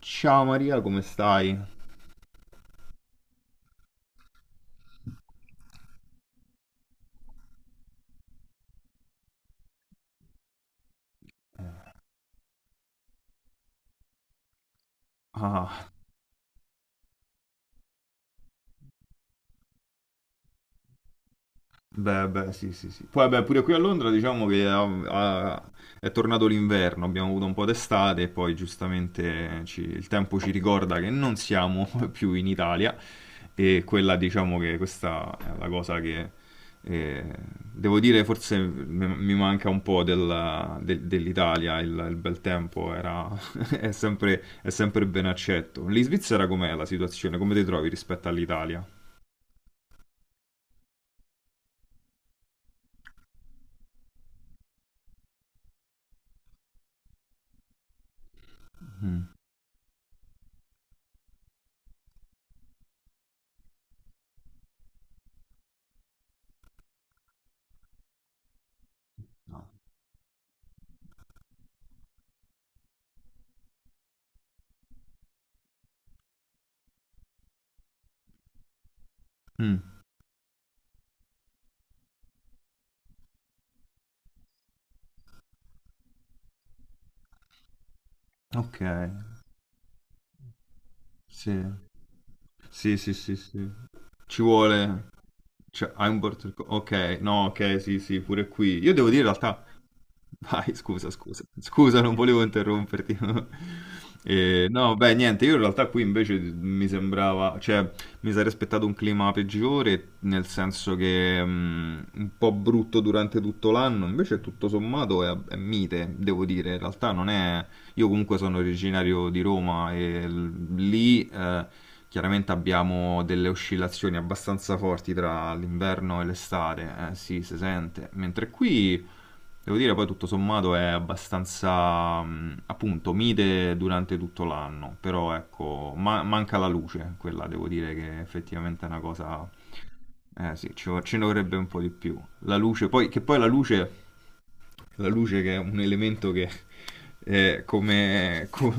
Ciao Maria, come stai? Ah, beh, beh, sì, sì, sì. Poi, beh, pure qui a Londra diciamo che ah, è tornato l'inverno, abbiamo avuto un po' d'estate e poi giustamente il tempo ci ricorda che non siamo più in Italia e quella diciamo che questa è la cosa che eh, devo dire forse mi manca un po' dell'Italia, il bel tempo era, è sempre ben accetto. Lì in Svizzera com'è la situazione? Come ti trovi rispetto all'Italia? Mh. No. Mh. Okay, sì. Sì, sì, sì, sì. Ci vuole cioè hai un border co okay, no, okay, sì, sì, pure qui. Io devo dire in realtà vai, scusa, scusa. Scusa, non volevo interromperti. No, beh, niente, io in realtà qui invece mi sembrava cioè mi sarei aspettato un clima peggiore, nel senso che, un po' brutto durante tutto l'anno, invece tutto sommato è mite, devo dire. In realtà non è. Io comunque sono originario di Roma e lì chiaramente abbiamo delle oscillazioni abbastanza forti tra l'inverno e l'estate, sì, si sente, mentre qui devo dire poi tutto sommato è abbastanza appunto mite durante tutto l'anno, però ecco, manca la luce, quella devo dire che effettivamente è una cosa. Eh sì, ci ne vorrebbe un po' di più. La luce, poi, che poi la luce che è un elemento che eh, come co-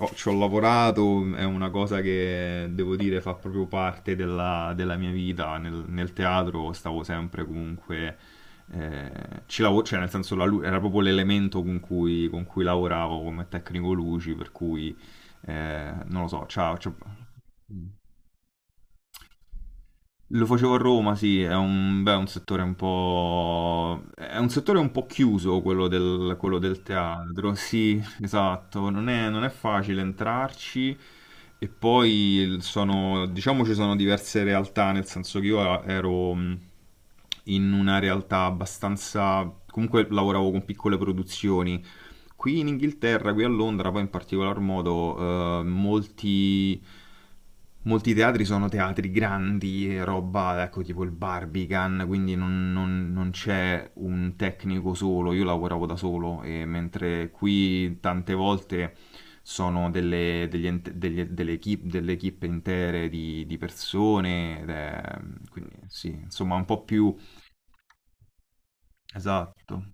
ci ho lavorato, è una cosa che devo dire fa proprio parte della mia vita. Nel teatro stavo sempre comunque, eh, cioè nel senso era proprio l'elemento con cui lavoravo come tecnico luci, per cui non lo so, ciao. Ciao. Lo facevo a Roma, sì, beh, è un settore un po'. È un settore un po' chiuso quello del teatro, sì, esatto, non è facile entrarci e poi sono, diciamo ci sono diverse realtà, nel senso che io ero in una realtà abbastanza. Comunque lavoravo con piccole produzioni, qui in Inghilterra, qui a Londra, poi in particolar modo, molti teatri sono teatri grandi, e roba, ecco, tipo il Barbican, quindi non c'è un tecnico solo, io lavoravo da solo, e mentre qui tante volte sono delle, degli ent- degli- delle equip- delle equipe intere di persone, ed è quindi sì, insomma, un po' più. Esatto.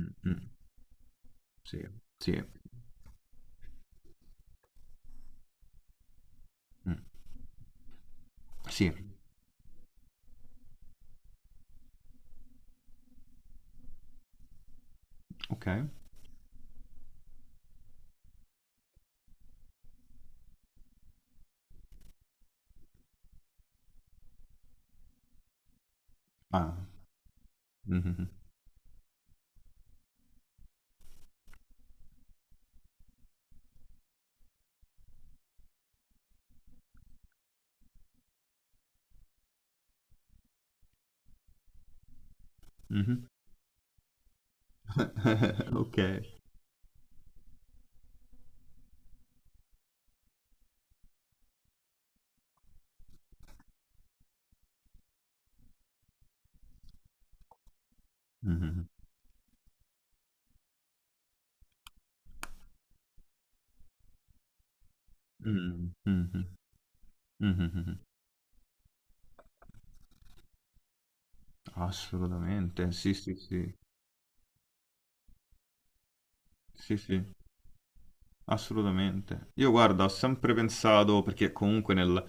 Mm, mm. Sì, sì. Mm. Sì. Okay. Ah. Mh-mh-mh. Mh-mh. Okay. Mh-mh-mh. Mh. Mh-mh. Mh-mh-mh-mh. Assolutamente, sì, sì, sì. Sì, sì, assolutamente. Io guarda, ho sempre pensato perché comunque nel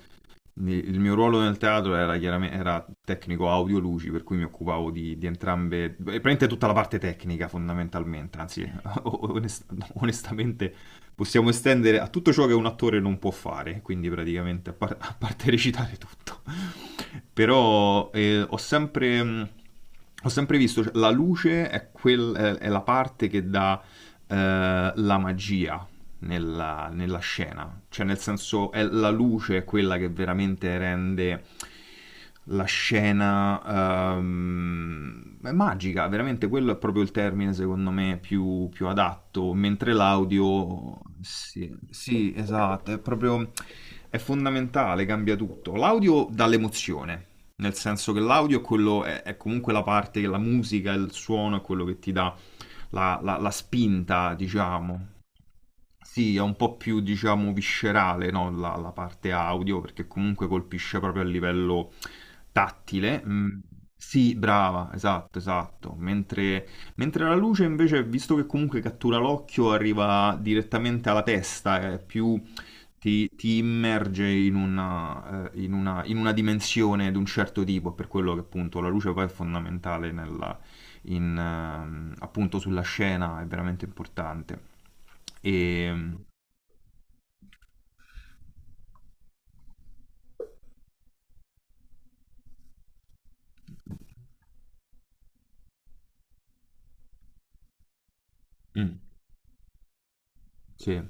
il mio ruolo nel teatro era, chiaramente, era tecnico audio luci, per cui mi occupavo di entrambe, e praticamente tutta la parte tecnica fondamentalmente, anzi onest- no, onestamente possiamo estendere a tutto ciò che un attore non può fare, quindi praticamente a parte recitare tutto. Però ho sempre. Ho sempre visto, cioè, la luce è, quel- è la parte che dà la magia nella scena. Cioè, nel senso, è la luce è quella che veramente rende la scena è magica, veramente quello è proprio il termine secondo me più adatto, mentre l'audio sì, sì, esatto, è proprio è fondamentale, cambia tutto. L'audio dà l'emozione, nel senso che l'audio è comunque la parte che il suono è quello che ti dà la spinta, diciamo. Sì, è un po' più, diciamo, viscerale, no, la parte audio, perché comunque colpisce proprio a livello tattile. Mm, sì, brava, esatto, esatto. Mentre la luce, invece, visto che comunque cattura l'occhio, arriva direttamente alla testa, è più ti immerge in una, in una dimensione di un certo tipo, per quello che appunto la luce poi è fondamentale in, appunto sulla scena è veramente importante. E. Mm, sì.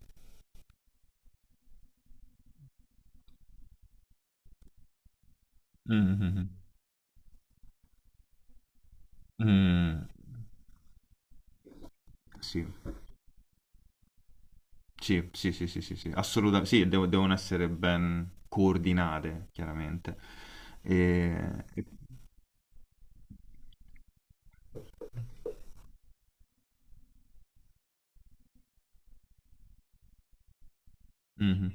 Mm, mm, mm, mm. Mm, sì, sì, sì, sì, sì, sì, sì. Assolutamente. Sì, devono essere ben coordinate, chiaramente. E e. Mhm,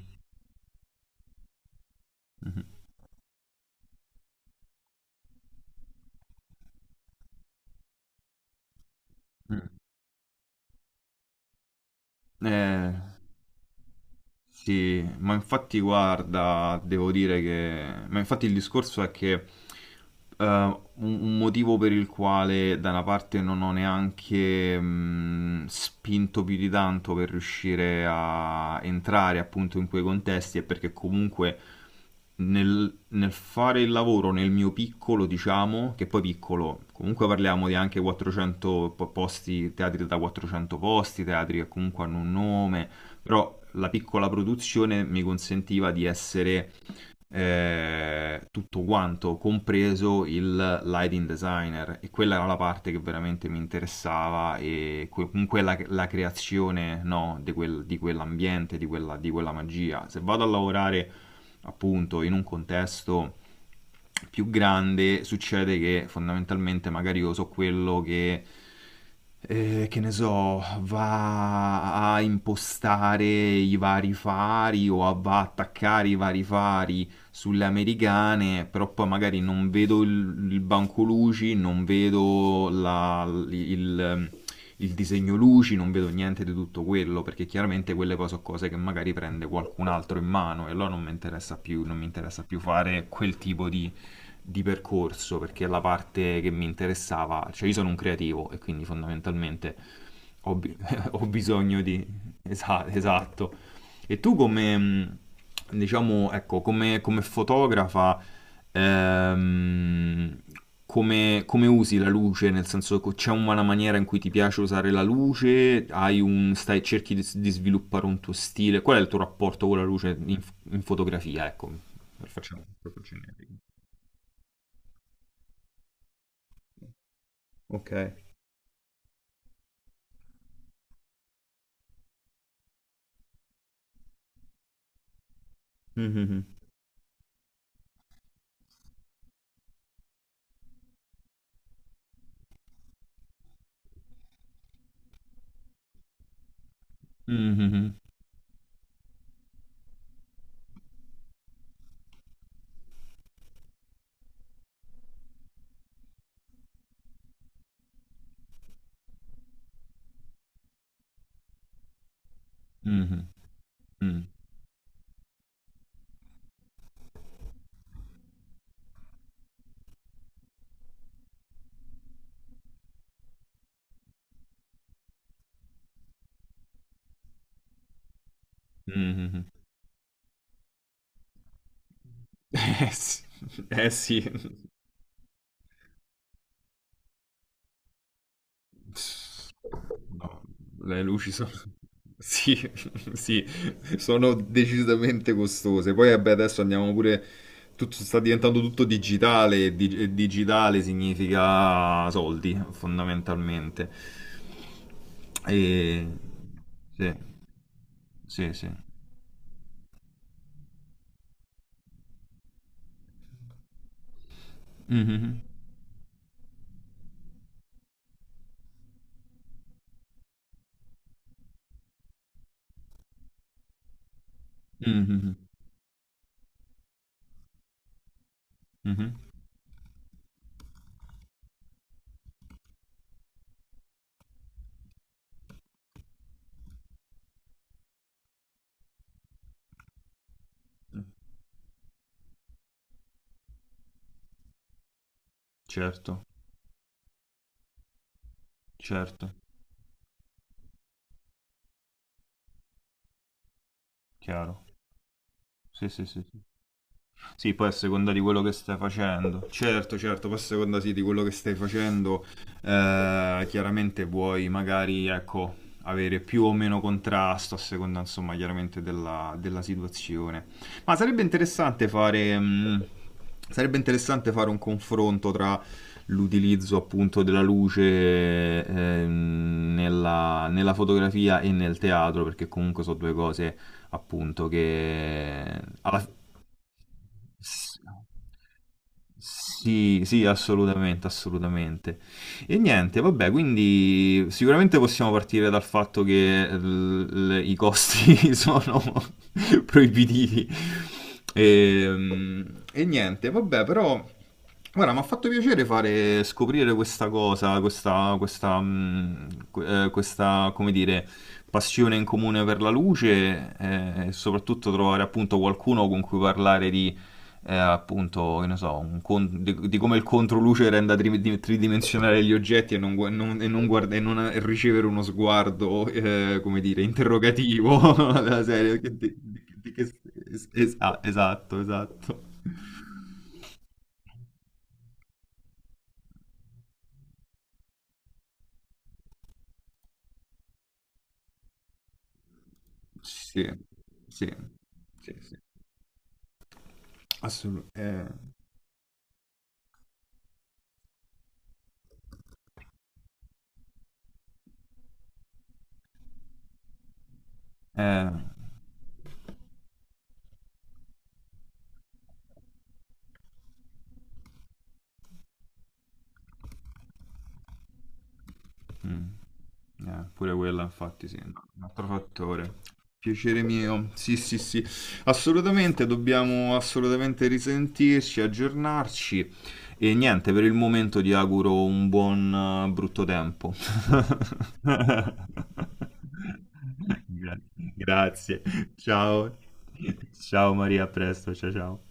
mhm, mm. Sì, ma infatti guarda, devo dire che. Ma infatti il discorso è che un motivo per il quale da una parte non ho neanche spinto più di tanto per riuscire a entrare appunto in quei contesti è perché comunque nel fare il lavoro nel mio piccolo, diciamo, che poi piccolo, comunque parliamo di anche 400 posti, teatri da 400 posti, teatri che comunque hanno un nome però la piccola produzione mi consentiva di essere tutto quanto, compreso il lighting designer. E quella era la parte che veramente mi interessava comunque la creazione, no, di quell'ambiente, di quella magia. Se vado a lavorare appunto in un contesto più grande, succede che fondamentalmente magari io so quello che. Che ne so, va a impostare i vari fari va a attaccare i vari fari sulle americane, però poi magari non vedo il banco luci, non vedo il disegno luci, non vedo niente di tutto quello, perché chiaramente quelle poi sono cose che magari prende qualcun altro in mano e allora non mi interessa più, non mi interessa più fare quel tipo di percorso, perché la parte che mi interessava, cioè io sono un creativo e quindi fondamentalmente ho, bi- ho bisogno di. Esatto, e tu come, diciamo, ecco, come fotografa, ehm, come usi la luce? Nel senso, c'è una maniera in cui ti piace usare la luce? Hai un, stai, cerchi di, di sviluppare un tuo stile? Qual è il tuo rapporto con la luce in, in fotografia? Ecco, per facciamo proprio generico. Ok. Mhm. Mhm, mhm, mhm, mhm. Eh sì, eh sì. No, le luci sono. Sì, sì, sono decisamente costose. Poi vabbè, adesso andiamo pure. Tutto, sta diventando tutto digitale e digitale significa soldi, fondamentalmente. E. Sì, sì, sì. Mhm, mhm, mhm. Certo, certo, chiaro. Sì, sì, sì, sì. Sì, poi a seconda di quello che stai facendo. Certo, certo, poi a seconda sì, di quello che stai facendo, chiaramente vuoi magari, ecco, avere più o meno contrasto a seconda, insomma, chiaramente della situazione. Ma sarebbe interessante fare un confronto tra l'utilizzo appunto della luce nella fotografia e nel teatro, perché comunque sono due cose appunto che alla S sì, sì, assolutamente, assolutamente. E niente, vabbè, quindi sicuramente possiamo partire dal fatto che i costi sono proibitivi. E, niente, vabbè, però, guarda, mi ha fatto piacere fare scoprire questa cosa, questa, mm, que- questa, come dire, passione in comune per la luce, e soprattutto trovare appunto qualcuno con cui parlare appunto, che ne so, di come il controluce renda tridimensionale gli oggetti e non, e non ricevere uno sguardo, come dire, interrogativo della serie. Che di che- es- es- ah, esatto, esatto. Sì, sì, sì, sì. Assolutamente. Eh, eh, mm. Pure quella, infatti, sì, no, un altro fattore. Piacere mio, sì, sì, sì, assolutamente, dobbiamo assolutamente risentirci, aggiornarci e niente, per il momento ti auguro un buon brutto tempo. Gra- Grazie, ciao, ciao Maria, a presto, ciao ciao.